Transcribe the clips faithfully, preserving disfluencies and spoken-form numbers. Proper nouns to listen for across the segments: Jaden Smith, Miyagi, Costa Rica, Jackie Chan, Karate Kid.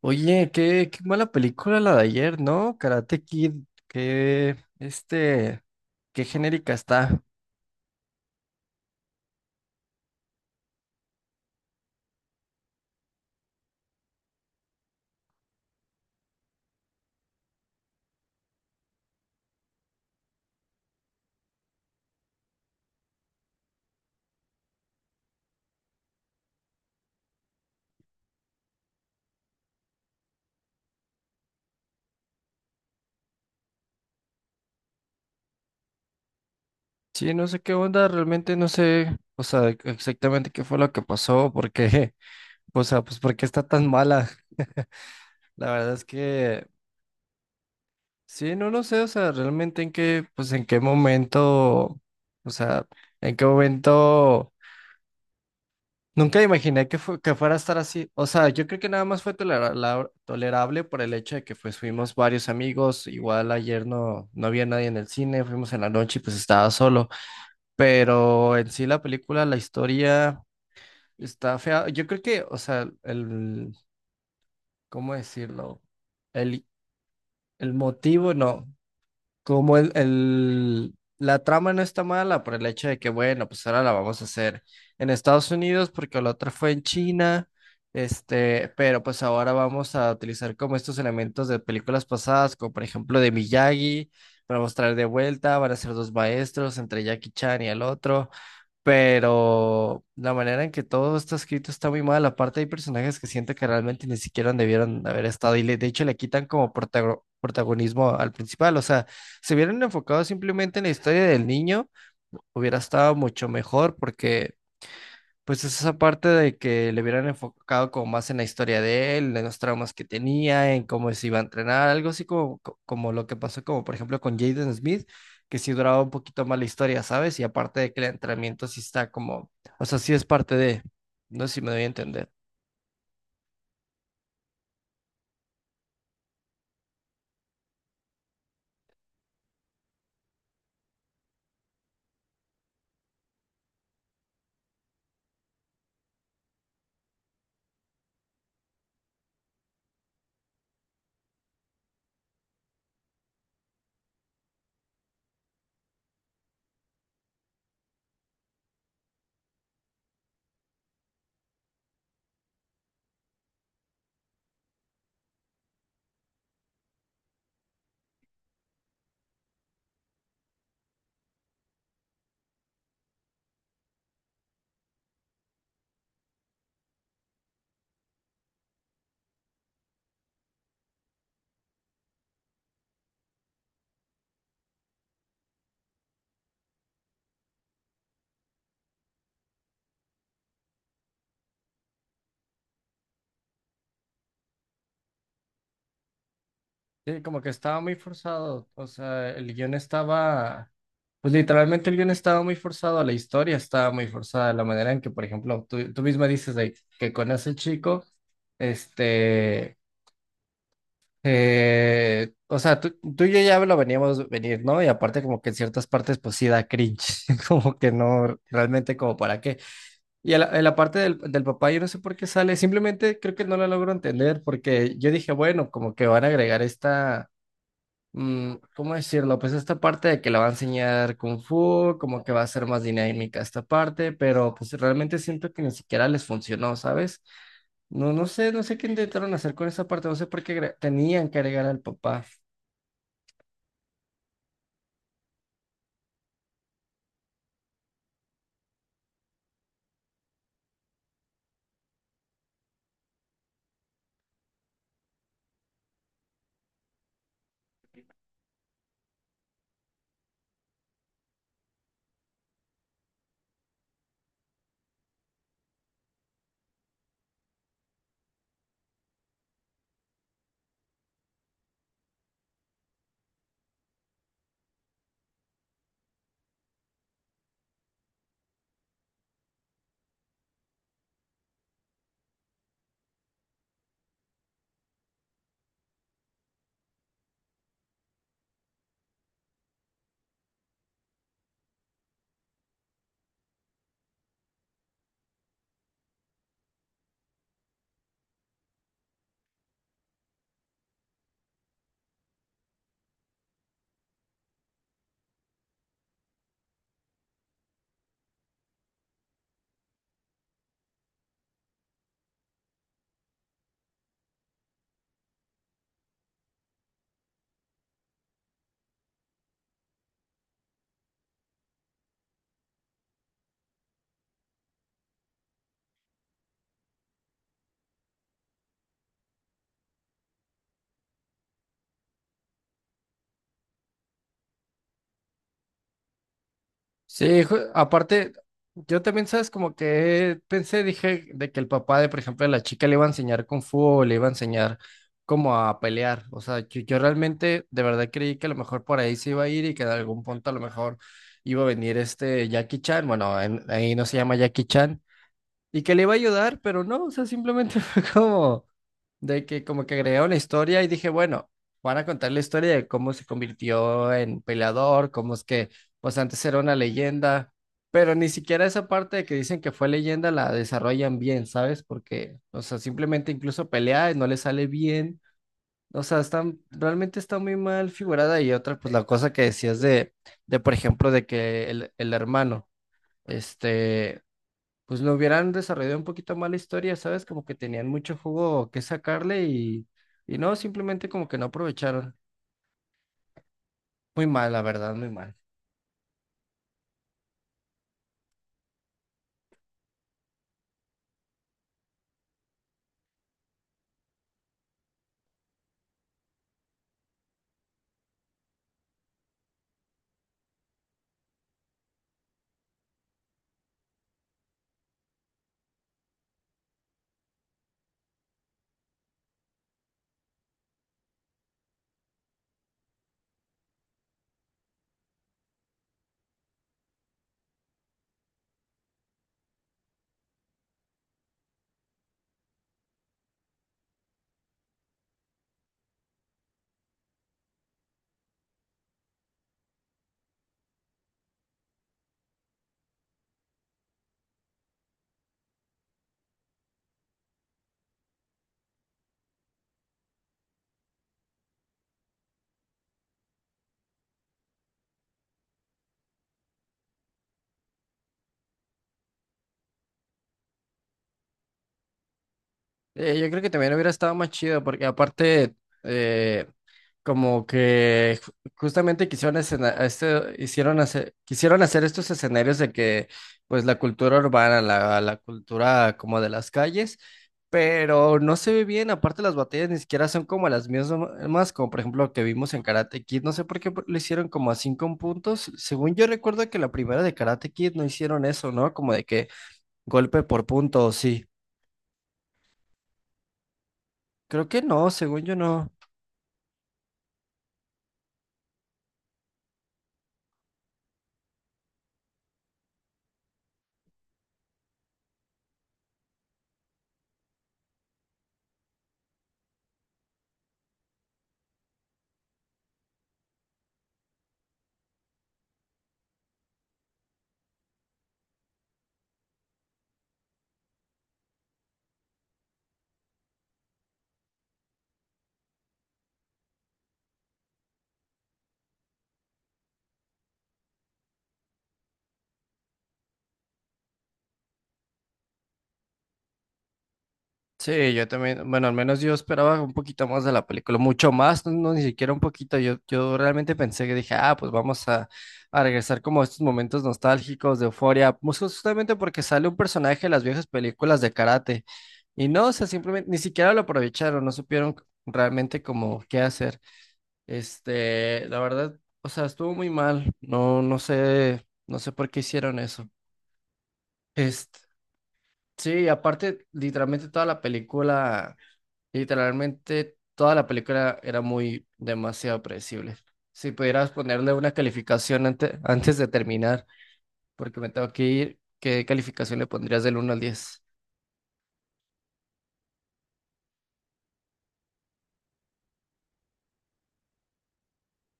Oye, qué, qué mala película la de ayer, ¿no? Karate Kid, qué, este, qué genérica está. Sí, no sé qué onda, realmente no sé, o sea, exactamente qué fue lo que pasó, porque, o sea, pues por qué está tan mala. La verdad es que, sí, no lo sé, o sea, realmente en qué, pues en qué momento, o sea, en qué momento. Nunca imaginé que, fu- que fuera a estar así. O sea, yo creo que nada más fue tolera- la- tolerable por el hecho de que pues fuimos varios amigos. Igual ayer no, no había nadie en el cine, fuimos en la noche y pues estaba solo. Pero en sí la película, la historia está fea. Yo creo que, o sea, el, ¿cómo decirlo? El, el motivo, no. Como el, el- la trama no está mala por el hecho de que, bueno, pues ahora la vamos a hacer en Estados Unidos porque la otra fue en China, este, pero pues ahora vamos a utilizar como estos elementos de películas pasadas, como por ejemplo de Miyagi, para mostrar de vuelta, van a ser dos maestros entre Jackie Chan y el otro, pero la manera en que todo está escrito está muy mal. Aparte hay personajes que siento que realmente ni siquiera debieron haber estado y le- de hecho le quitan como protago- protagonismo al principal. O sea, se hubieran enfocado simplemente en la historia del niño, hubiera estado mucho mejor porque... Pues esa parte de que le hubieran enfocado como más en la historia de él, en los traumas que tenía, en cómo se iba a entrenar, algo así como, co- como lo que pasó como por ejemplo con Jaden Smith, que sí duraba un poquito más la historia, ¿sabes? Y aparte de que el entrenamiento sí está como, o sea, sí es parte de, no sé si me doy a entender. Sí, como que estaba muy forzado, o sea, el guión estaba, pues literalmente el guión estaba muy forzado, la historia estaba muy forzada, la manera en que, por ejemplo, tú, tú misma dices de que con ese chico, este. Eh, o sea, tú, tú y yo ya lo veníamos venir, ¿no? Y aparte como que en ciertas partes pues sí da cringe, como que no, realmente como para qué. Y a la, a la parte del, del papá yo no sé por qué sale, simplemente creo que no la logro entender porque yo dije, bueno, como que van a agregar esta mm, ¿cómo decirlo? Pues esta parte de que le va a enseñar Kung Fu, como que va a ser más dinámica esta parte, pero pues realmente siento que ni siquiera les funcionó, ¿sabes? No, no sé, no sé qué intentaron hacer con esa parte, no sé por qué agre- tenían que agregar al papá. Sí, ju- aparte, yo también, ¿sabes? Como que pensé, dije, de que el papá de, por ejemplo, la chica le iba a enseñar Kung Fu o le iba a enseñar como a pelear. O sea, yo, yo realmente, de verdad creí que a lo mejor por ahí se iba a ir y que en algún punto a lo mejor iba a venir este Jackie Chan. Bueno, en- ahí no se llama Jackie Chan. Y que le iba a ayudar, pero no, o sea, simplemente fue como de que como que agregaron la historia y dije, bueno, van a contar la historia de cómo se convirtió en peleador, cómo es que pues antes era una leyenda, pero ni siquiera esa parte de que dicen que fue leyenda la desarrollan bien, ¿sabes? Porque, o sea, simplemente incluso pelea y no le sale bien. O sea, están, realmente está muy mal figurada y otra, pues la cosa que decías de, de por ejemplo, de que el, el hermano, este, pues lo hubieran desarrollado un poquito más la historia, ¿sabes? Como que tenían mucho jugo que sacarle y, y no, simplemente como que no aprovecharon. Muy mal, la verdad, muy mal. Eh, yo creo que también hubiera estado más chido porque aparte, eh, como que ju- justamente quisieron escena- este, hicieron hacer, quisieron hacer estos escenarios de que pues la cultura urbana, la, la cultura como de las calles, pero no se ve bien, aparte las batallas ni siquiera son como las mismas, como por ejemplo que vimos en Karate Kid, no sé por qué lo hicieron como a cinco puntos, según yo recuerdo que la primera de Karate Kid no hicieron eso, ¿no? Como de que golpe por punto, sí, creo que no, según yo no. Sí, yo también, bueno, al menos yo esperaba un poquito más de la película, mucho más, no, no, ni siquiera un poquito, yo, yo realmente pensé que dije, ah, pues vamos a, a regresar como a estos momentos nostálgicos de euforia, pues justamente porque sale un personaje de las viejas películas de karate, y no, o sea, simplemente, ni siquiera lo aprovecharon, no supieron c- realmente como qué hacer, este, la verdad, o sea, estuvo muy mal, no, no sé, no sé por qué hicieron eso, este, sí, aparte, literalmente toda la película... Literalmente toda la película era muy demasiado predecible. Si pudieras ponerle una calificación ante- antes de terminar, porque me tengo que ir, ¿qué calificación le pondrías del uno al diez?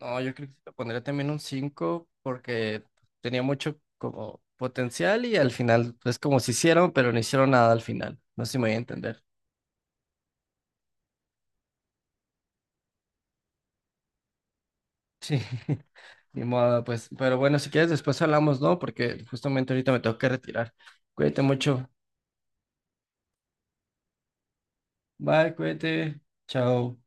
No, yo creo que le pondría también un cinco porque tenía mucho como potencial y al final es como si hicieron, pero no hicieron nada al final. No sé si me voy a entender. Sí, ni modo, pues. Pero bueno, si quieres después hablamos, ¿no? Porque justamente ahorita me tengo que retirar. Cuídate mucho. Bye, cuídate. Chao.